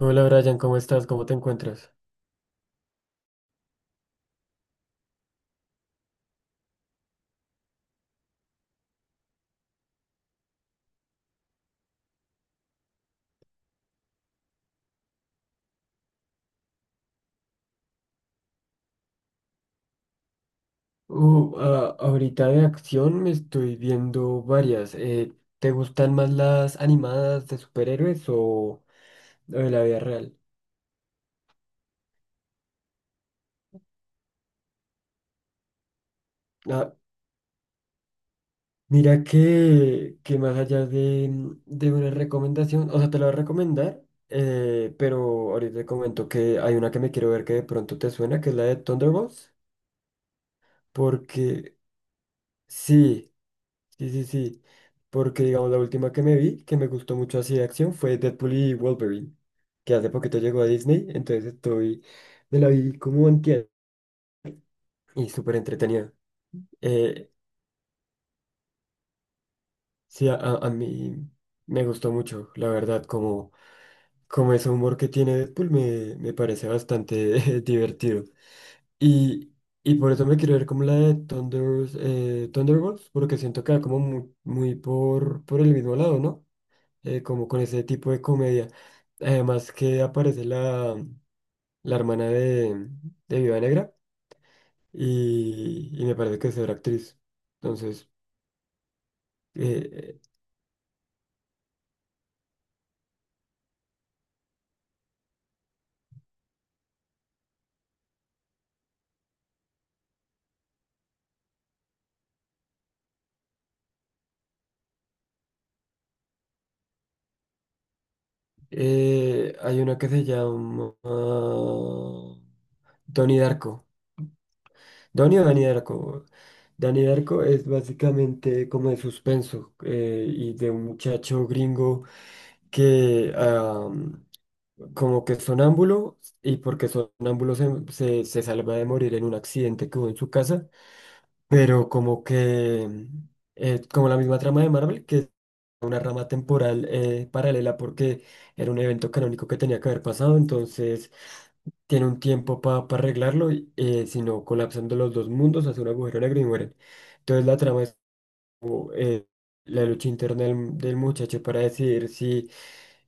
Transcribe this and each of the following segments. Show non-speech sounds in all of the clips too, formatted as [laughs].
Hola Brian, ¿cómo estás? ¿Cómo te encuentras? Ahorita de acción me estoy viendo varias. ¿Te gustan más las animadas de superhéroes o de la vida real? Ah, mira que más allá de una recomendación, o sea, te la voy a recomendar, pero ahorita te comento que hay una que me quiero ver que de pronto te suena, que es la de Thunderbolts, porque sí. Sí, sí, sí. Porque, digamos, la última que me vi, que me gustó mucho así de acción, fue Deadpool y Wolverine, que hace poquito llegó a Disney, entonces me la vi como antier y súper entretenida. Eh, sí, a mí me gustó mucho, la verdad, como, como ese humor que tiene Deadpool me parece bastante [laughs] divertido. Y, y por eso me quiero ver como la de Thunderbolts, porque siento que va como muy por el mismo lado, ¿no? Como con ese tipo de comedia. Además que aparece la hermana de Viuda Negra y me parece que es otra actriz. Entonces, eh, hay una que se llama Donnie Darko. Donnie o Danny Darko. Danny Darko es básicamente como de suspenso y de un muchacho gringo que... am, como que es sonámbulo y porque sonámbulo se salva de morir en un accidente que hubo en su casa, pero como como la misma trama de Marvel, que es una rama temporal paralela porque era un evento canónico que tenía que haber pasado, entonces tiene un tiempo para arreglarlo, sino colapsando los dos mundos, hace un agujero negro y mueren. Entonces la trama es como, eh, la lucha interna del muchacho para decidir si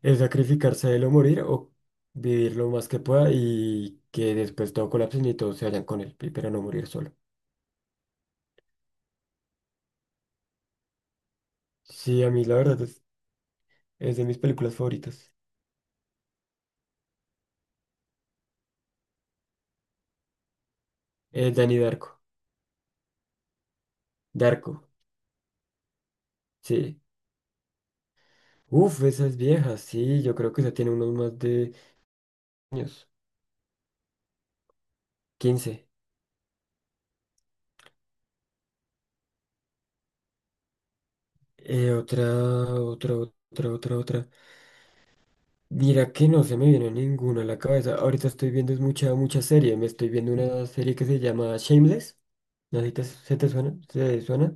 es sacrificarse de lo morir o vivir lo más que pueda y que después todo colapse y todos se vayan con él, pero no morir solo. Sí, a mí la verdad es de mis películas favoritas. Danny Darko. Darko, sí. Uf, esas viejas, sí, yo creo que esa tiene unos más de años, quince. Eh, otra, otra. Mira que no se me viene ninguna a la cabeza. Ahorita estoy viendo es mucha, mucha serie. Me estoy viendo una serie que se llama Shameless. No sé si se te suena, se suena.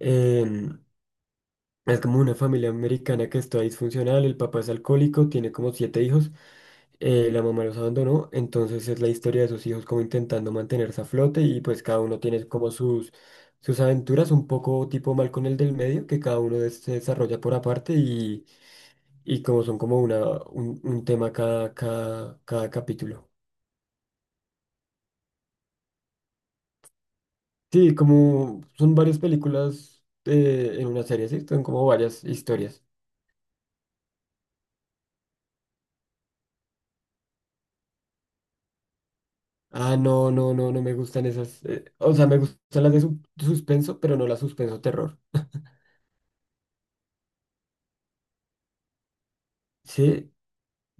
em, es como una familia americana que está disfuncional, el papá es alcohólico, tiene como siete hijos, la mamá los abandonó, entonces es la historia de sus hijos como intentando mantenerse a flote y pues cada uno tiene como sus aventuras, un poco tipo mal con el del medio, que cada uno se desarrolla por aparte y como son como un tema cada capítulo. Sí, como son varias películas en una serie, ¿sí? Son como varias historias. Ah, no, no, no, no me gustan esas. O sea, me gustan las de suspenso, pero no las suspenso terror. Sí,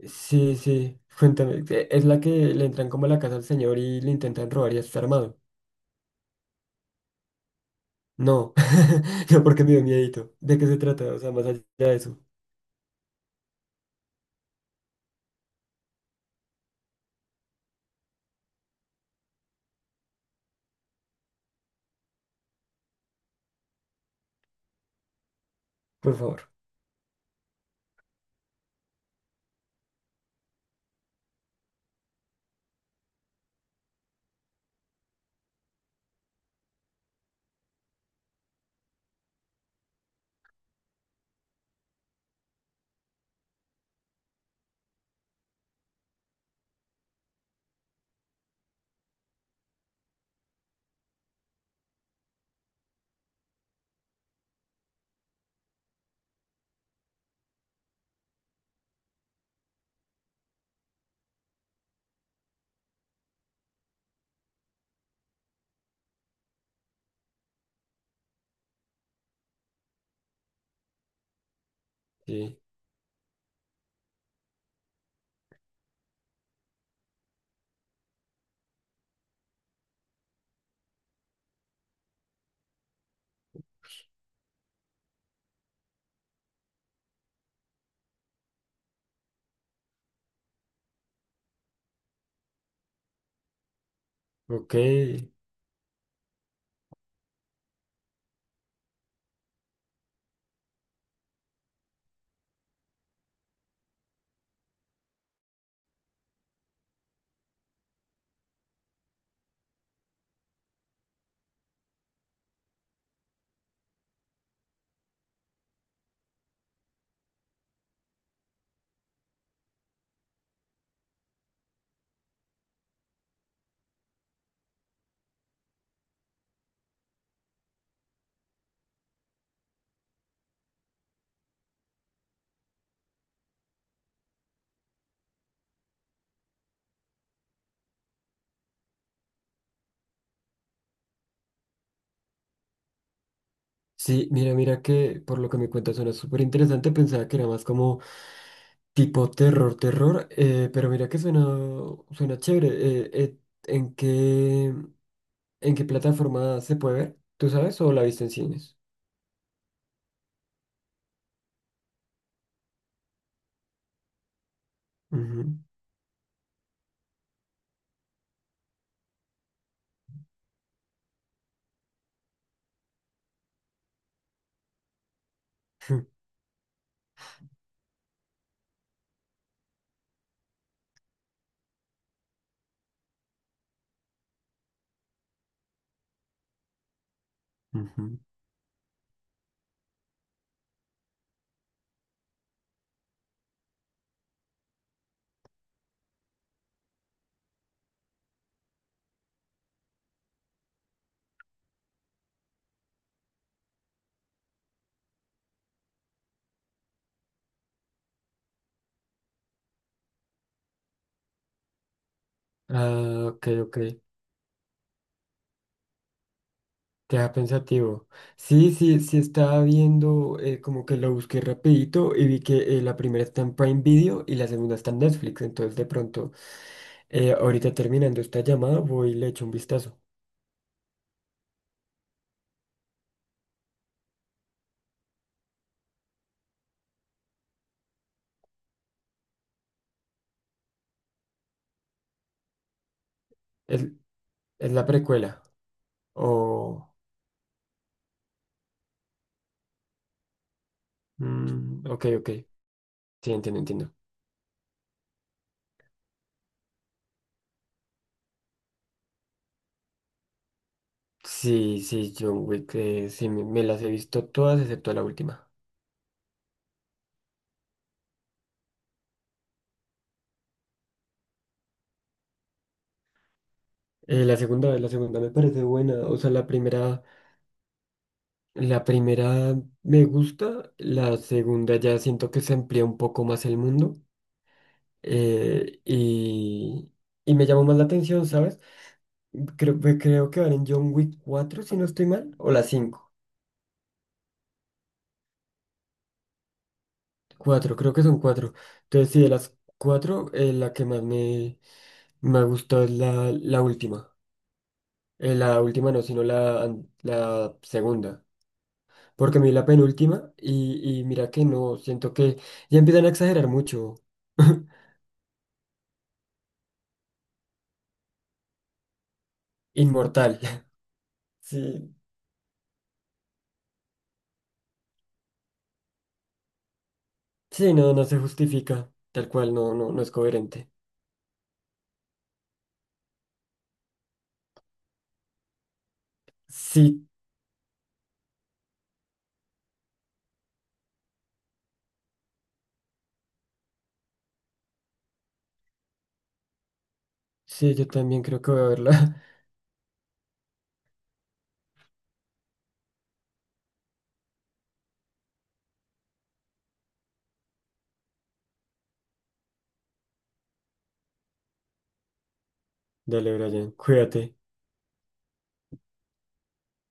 sí, sí. Cuéntame. ¿Es la que le entran como a la casa al señor y le intentan robar y está armado? No, [laughs] no, porque me dio miedito. ¿De qué se trata? O sea, más allá de eso. Por favor. Sí, ok. Sí, mira, mira que por lo que me cuentas suena súper interesante. Pensaba que era más como tipo terror, terror. Pero mira que suena, suena chévere. ¿En qué? ¿En qué plataforma se puede ver? ¿Tú sabes o la viste en cines? Ujú, [laughs] ujú. Ujú. Ah, ok, ok. Queda pensativo. Sí, sí, sí estaba viendo, como que lo busqué rapidito y vi que la primera está en Prime Video y la segunda está en Netflix. Entonces de pronto, ahorita terminando esta llamada, voy y le echo un vistazo. Es, es la precuela. O... mm, ok, ok. Sí, entiendo, entiendo. Sí, sí, John Wick, sí, me las he visto todas excepto la última. La segunda me parece buena. O sea, la primera me gusta, la segunda ya siento que se amplía un poco más el mundo. eh, y, y me llamó más la atención, ¿sabes? Creo, pues, creo que van en John Wick 4 si no estoy mal, o las cinco. Cuatro, creo que son cuatro. Entonces, sí, de las 4, la que más me gustó es la última. La última no, sino la, an- la segunda. Porque me vi la penúltima y mira que no, siento que ya empiezan a exagerar mucho. [laughs] Inmortal. [laughs] Sí, sí, no, no se justifica, tal cual, no, no, no es coherente. Sí, sí, yo también creo que voy a verla. [laughs] Dale, Brian, cuídate.